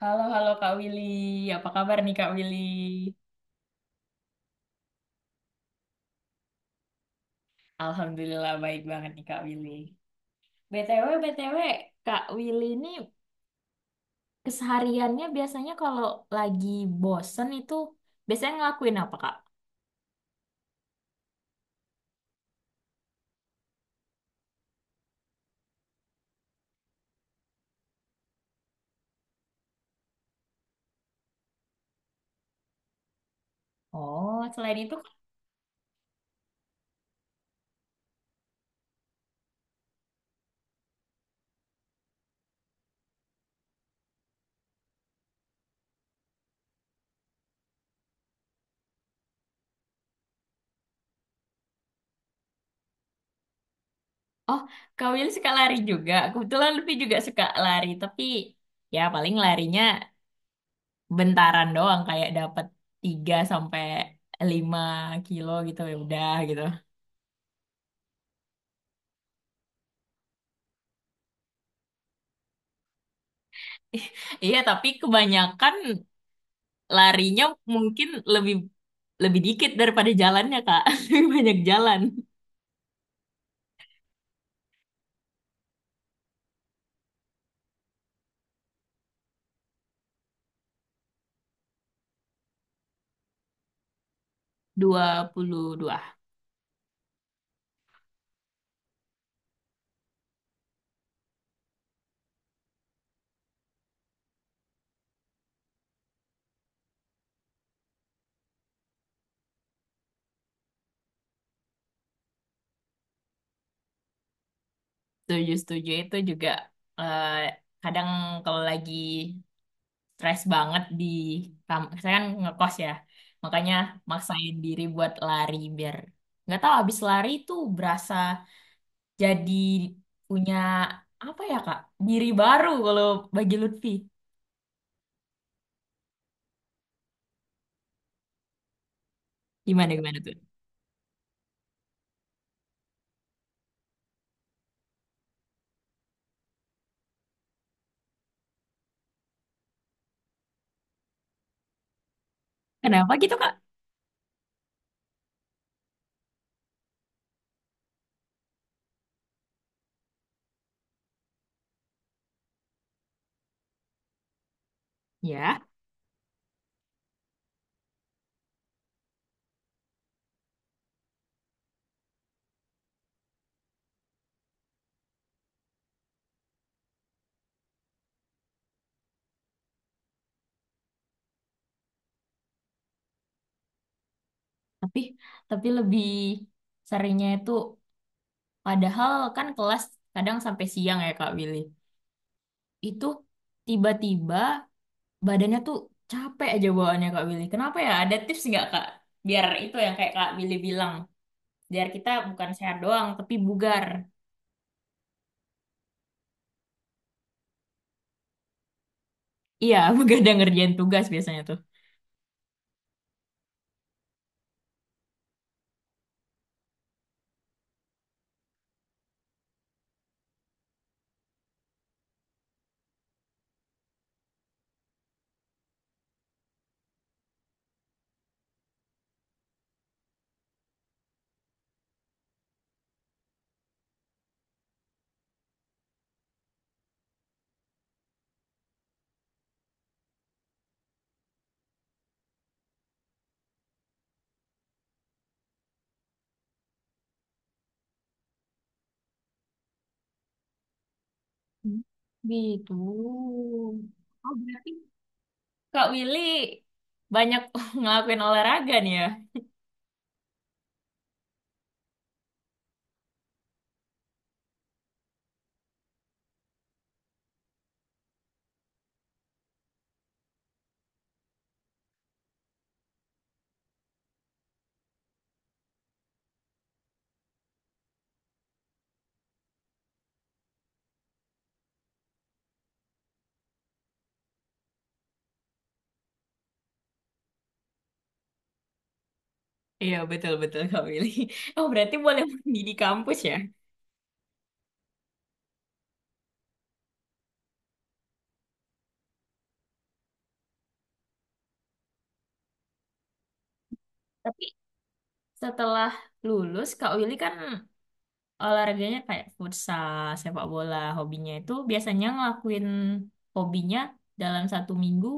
Halo, halo Kak Willy. Apa kabar nih Kak Willy? Alhamdulillah baik banget nih Kak Willy. BTW, BTW, Kak Willy ini kesehariannya biasanya kalau lagi bosen itu biasanya ngelakuin apa Kak? Oh, selain itu, oh Kak Willy suka lari juga. Kebetulan Lutfi juga suka lari, tapi ya paling larinya bentaran doang kayak dapat 3 sampai 5 km gitu ya udah gitu. Iya, tapi kebanyakan larinya mungkin lebih lebih dikit daripada jalannya Kak. Lebih banyak jalan. 22. Setuju, setuju itu juga eh, kadang kalau lagi stres banget di saya kan ngekos ya. Makanya maksain diri buat lari biar nggak tahu habis lari itu berasa jadi punya apa ya Kak? Diri baru kalau bagi Lutfi. Gimana gimana tuh? Kenapa gitu Kak? Ya. tapi tapi lebih seringnya itu padahal kan kelas kadang sampai siang ya Kak Willy, itu tiba-tiba badannya tuh capek aja bawaannya Kak Willy, kenapa ya, ada tips nggak Kak biar itu yang kayak Kak Willy bilang biar kita bukan sehat doang tapi bugar? Iya, begadang ngerjain tugas biasanya tuh. Hmm. Gitu. Oh berarti Kak Willy banyak ngelakuin olahraga nih ya. Iya, betul-betul Kak Willy. Oh, berarti boleh mandi di kampus ya? Tapi setelah lulus, Kak Willy kan olahraganya kayak futsal, sepak bola, hobinya itu biasanya ngelakuin hobinya dalam satu minggu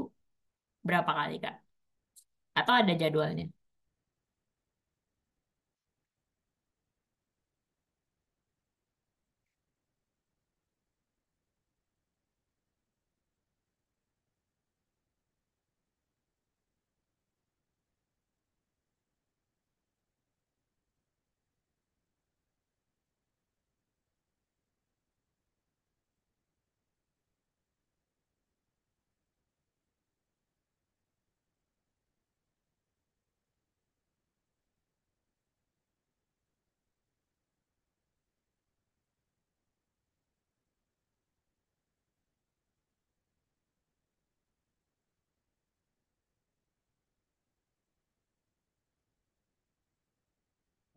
berapa kali, Kak? Atau ada jadwalnya?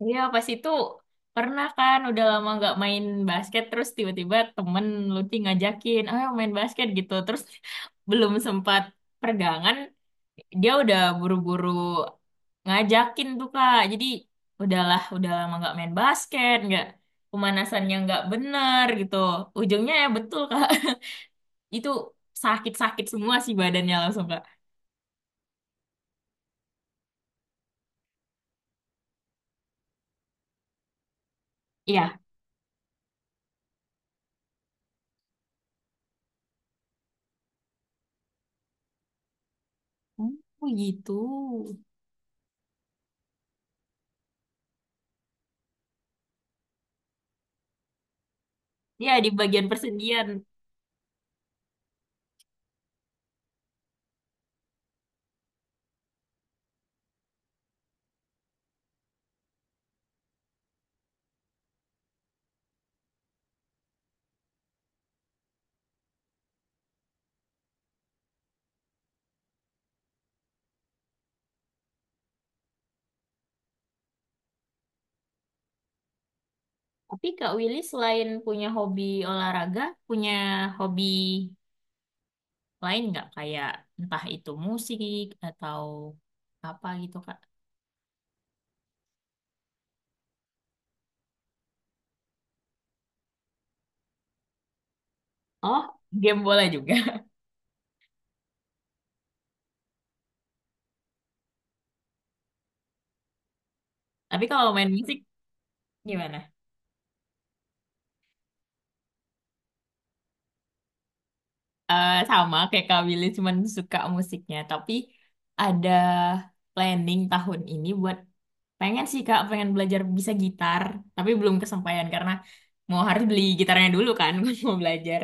Iya, pas itu pernah kan udah lama nggak main basket terus tiba-tiba temen Lutfi ngajakin, ayo main basket gitu. Terus belum sempat pergangan, dia udah buru-buru ngajakin tuh Kak. Jadi udahlah, udah lama nggak main basket, nggak pemanasannya nggak bener gitu. Ujungnya ya betul Kak, itu sakit-sakit semua sih badannya langsung Kak. Iya. Oh gitu. Iya di bagian persendian. Tapi Kak Willy selain punya hobi olahraga, punya hobi lain nggak? Kayak entah itu musik atau apa gitu Kak. Oh, game bola juga. Tapi kalau main musik gimana? Eh sama kayak Kak Willy cuman suka musiknya. Tapi ada planning tahun ini buat pengen sih Kak, pengen belajar bisa gitar. Tapi belum kesampaian karena mau harus beli gitarnya dulu kan, mau belajar.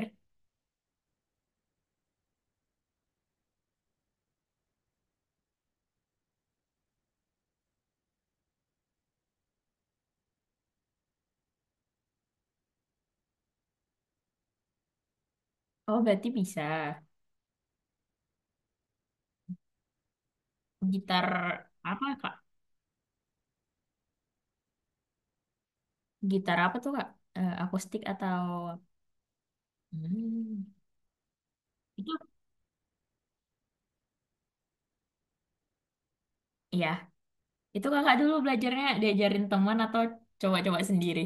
Oh, berarti bisa. Gitar apa Kak? Gitar apa tuh Kak? Eh, akustik atau hmm, itu ya itu kakak dulu belajarnya diajarin teman atau coba-coba sendiri?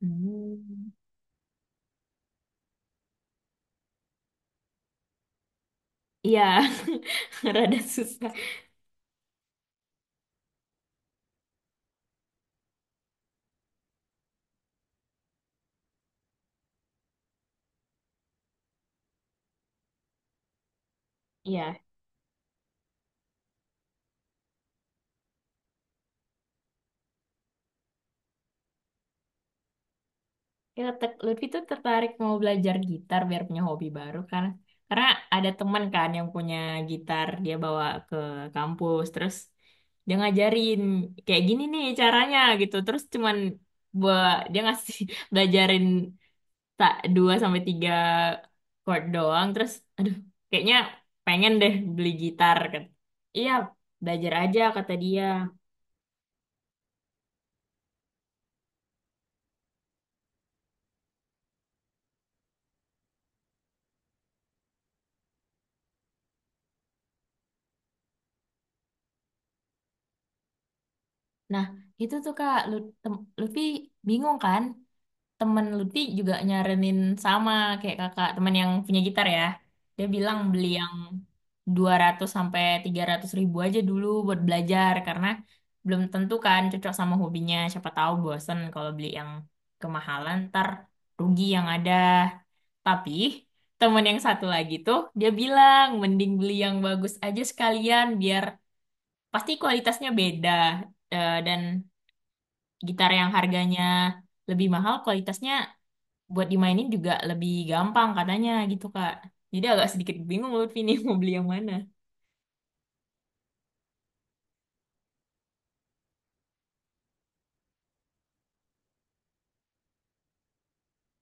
Hmm. Iya, rada susah. Iya, ya Lutfi tuh tertarik mau belajar gitar biar punya hobi baru kan. Karena ada teman kan yang punya gitar, dia bawa ke kampus, terus dia ngajarin kayak gini nih caranya gitu. Terus cuman buat dia ngasih belajarin tak 2 sampai 3 chord doang terus aduh kayaknya pengen deh beli gitar kan iya belajar aja kata dia. Nah itu tuh kak Lutfi bingung kan, temen Lutfi juga nyaranin sama kayak kakak temen yang punya gitar ya, dia bilang beli yang Rp200.000 sampai Rp300.000 aja dulu buat belajar karena belum tentu kan cocok sama hobinya, siapa tahu bosen kalau beli yang kemahalan ntar rugi yang ada. Tapi temen yang satu lagi tuh dia bilang mending beli yang bagus aja sekalian biar pasti kualitasnya beda. Eh, dan gitar yang harganya lebih mahal kualitasnya buat dimainin juga lebih gampang katanya gitu Kak. Jadi agak sedikit bingung Lutfi nih mau beli yang mana.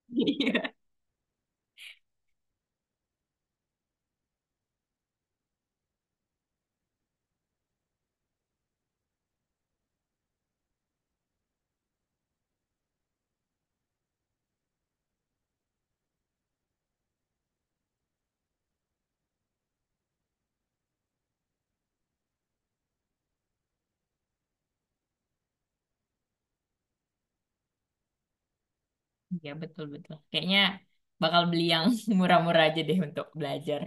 Iya. Iya betul-betul. Kayaknya bakal beli yang murah-murah aja deh untuk belajar.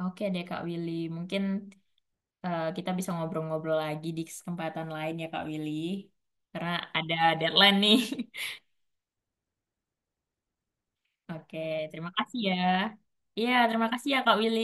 Oke deh Kak Willy, mungkin kita bisa ngobrol-ngobrol lagi di kesempatan lain ya Kak Willy. Karena ada deadline nih. Oke, terima kasih ya. Iya, terima kasih ya Kak Willy.